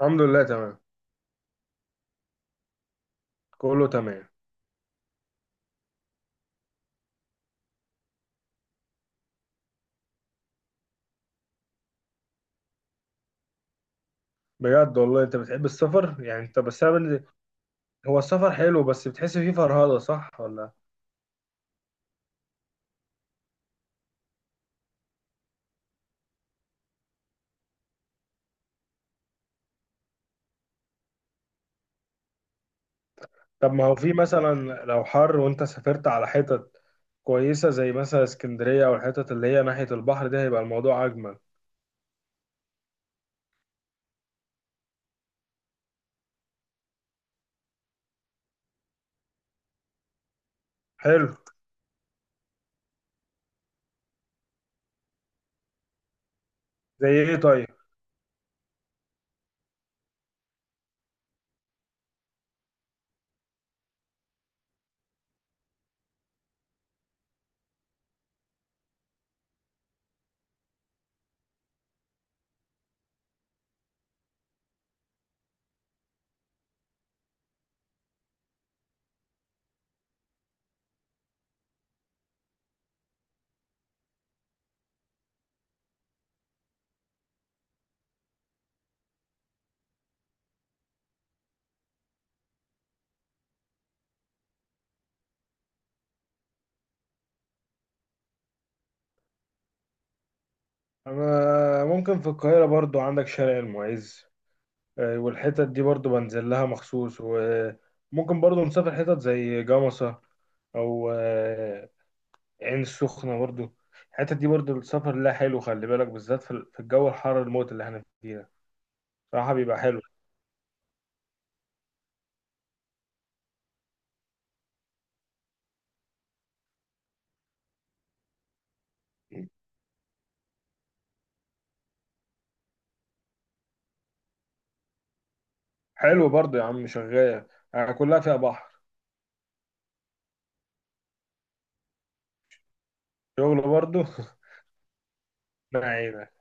الحمد لله، تمام. كله تمام. بجد والله انت بتحب السفر؟ يعني انت بس هو السفر حلو، بس بتحس فيه فرهدة، صح ولا؟ طب ما هو في مثلا لو حر وانت سافرت على حتت كويسة زي مثلا اسكندرية، او الحتت اللي هي ناحية البحر، ده هيبقى الموضوع اجمل. حلو. زي ايه طيب؟ انا ممكن في القاهرة برضو، عندك شارع المعز والحتت دي برضو بنزل لها مخصوص. وممكن برضو نسافر حتت زي جمصة او عين السخنة برضو. الحتت دي برضو السفر لها حلو. خلي بالك، بالذات في الجو الحر الموت اللي احنا فيه ده. صراحة بيبقى حلو. حلو برضو يا عم، شغال، يعني كلها فيها بحر. شغل برضو ما عينك.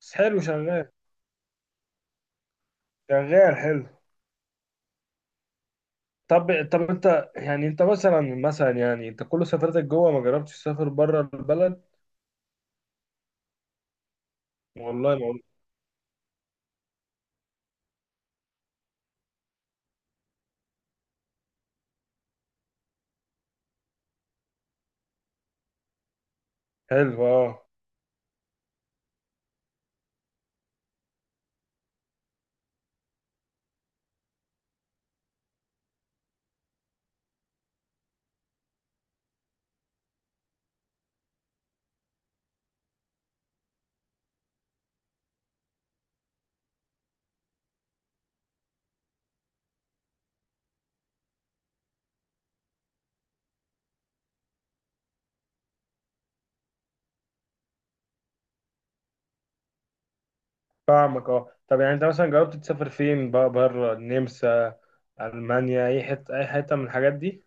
بس حلو، شغال. شغال حلو. طب انت يعني انت مثلا يعني انت كل سفرتك جوه، ما جربتش تسافر بره البلد؟ والله ما اقول. حلو اه. فاهمك اه. طب يعني انت مثلا جربت تسافر فين بقى، بره؟ النمسا، المانيا، اي حته، اي حته، من الحاجات دي؟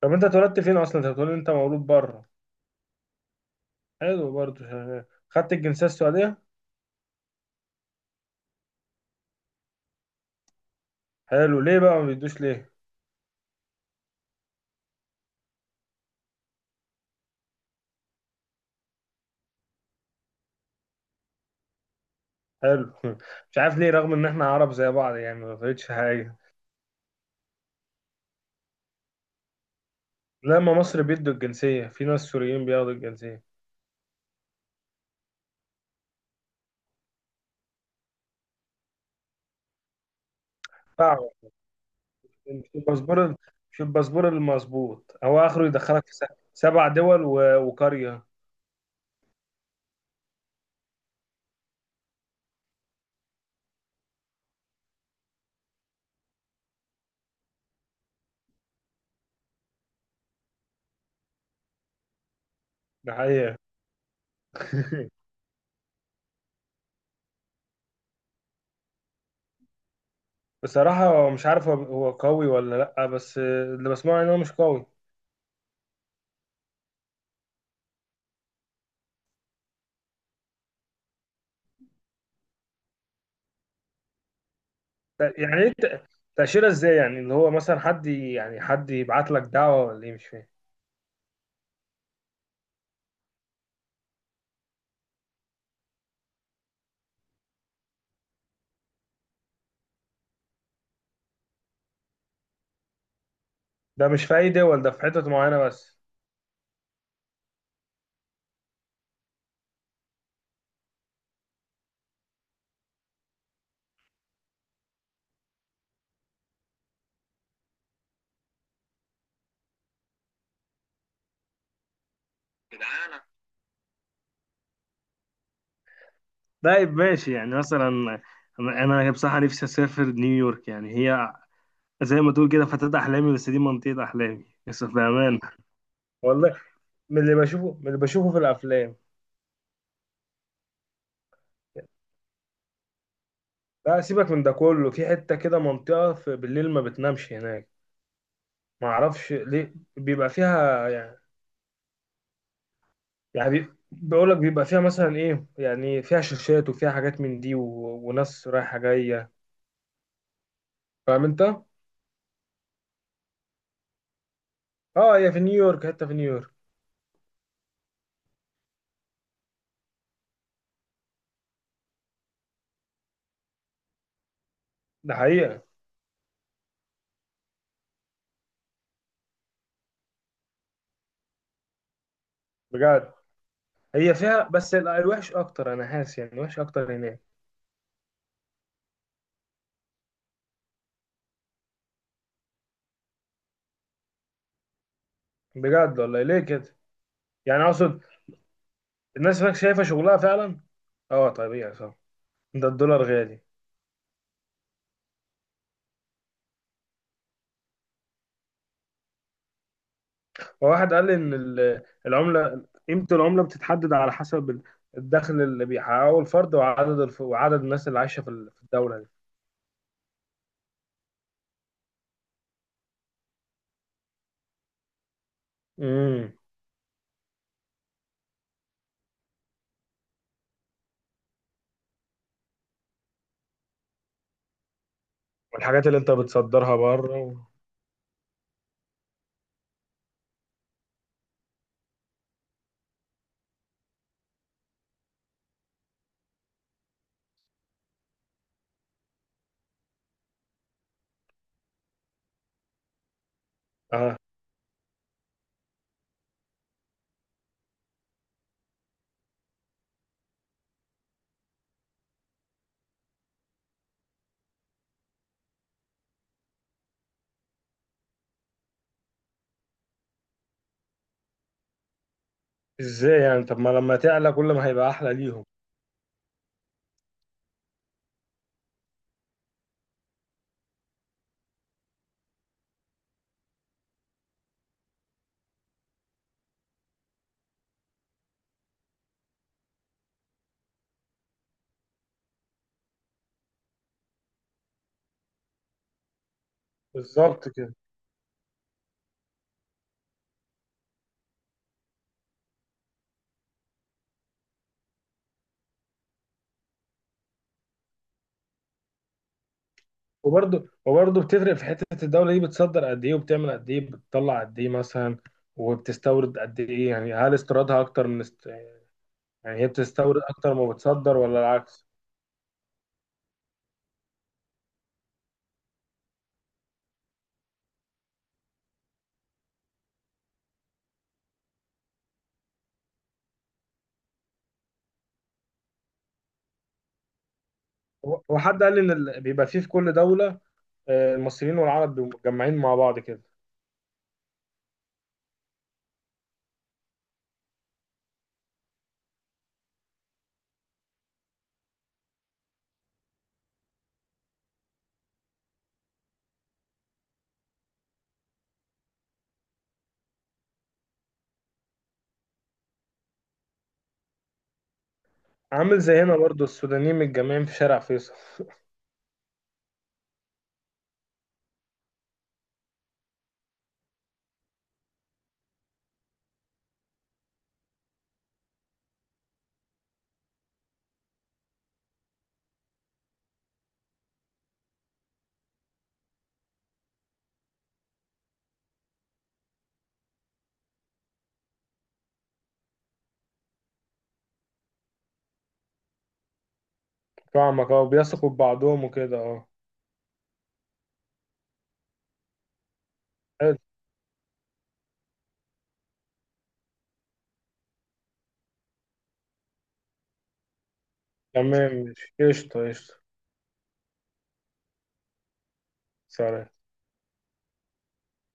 طب انت اتولدت فين اصلا؟ انت بتقول انت مولود بره. حلو برضه، شغال. خدت الجنسيه السعوديه؟ حلو، ليه بقى ما بيدوش ليه؟ حلو مش عارف ليه، رغم ان احنا عرب زي بعض، يعني ما فرقتش حاجه. لما مصر بيدوا الجنسيه، في ناس سوريين بياخدوا الجنسيه. صعب. في الباسبور في الباسبور المظبوط، هو اخره يدخلك في سبع دول وقريه. ده حقيقه. بصراحه مش عارف، هو هو قوي ولا لا، بس اللي بسمعه ان هو مش قوي. يعني ايه تأشيرة ازاي؟ يعني اللي هو مثلا حد يعني حد يبعت لك دعوة ولا ايه؟ مش فاهم. ده مش في اي دول، ده في حتت معينة بس؟ طيب ماشي. يعني مثلا انا بصراحه نفسي اسافر نيويورك. يعني هي زي ما تقول كده فتاة احلامي، بس دي منطقه احلامي بس بامان. والله، من اللي بشوفه في الافلام. لا سيبك من ده كله، في حتة كده، منطقة في بالليل ما بتنامش هناك. ما اعرفش ليه بيبقى فيها. يعني يعني بقول لك بيبقى فيها مثلا ايه، يعني فيها شاشات وفيها حاجات من دي وناس رايحه جايه. فاهم انت؟ اه، هي في نيويورك، حته في نيويورك. ده حقيقه. بجد، هي فيها بس الوحش اكتر، انا حاسس يعني الوحش اكتر هناك. بجد والله ليه كده؟ يعني اقصد الناس هناك شايفه شغلها فعلا، اه طبيعي، صح. ده الدولار غالي. وواحد قال لي ان العمله، قيمه العمله بتتحدد على حسب الدخل اللي بيحققه الفرد، وعدد وعدد الناس اللي عايشه في الدوله دي، والحاجات اللي انت بتصدرها بره اه. ازاي يعني؟ طب ما لما تعلى، كل ما هيبقى احلى ليهم. بالظبط كده. وبرده بتفرق في حتة الدولة دي بتصدر قد ايه، وبتعمل قد ايه، بتطلع قد ايه مثلا وبتستورد قد ايه. يعني هل استيرادها اكتر من يعني هي بتستورد اكتر ما بتصدر ولا العكس؟ هو هو حد قال لي ان بيبقى فيه في كل دولة المصريين والعرب بيبقوا متجمعين مع بعض كده. عامل زي هنا برضو، السودانيين متجمعين في شارع فيصل فاهمك اه، بيثقوا في بعضهم وكده اه. تمام ماشي، قشطة قشطة. سلام.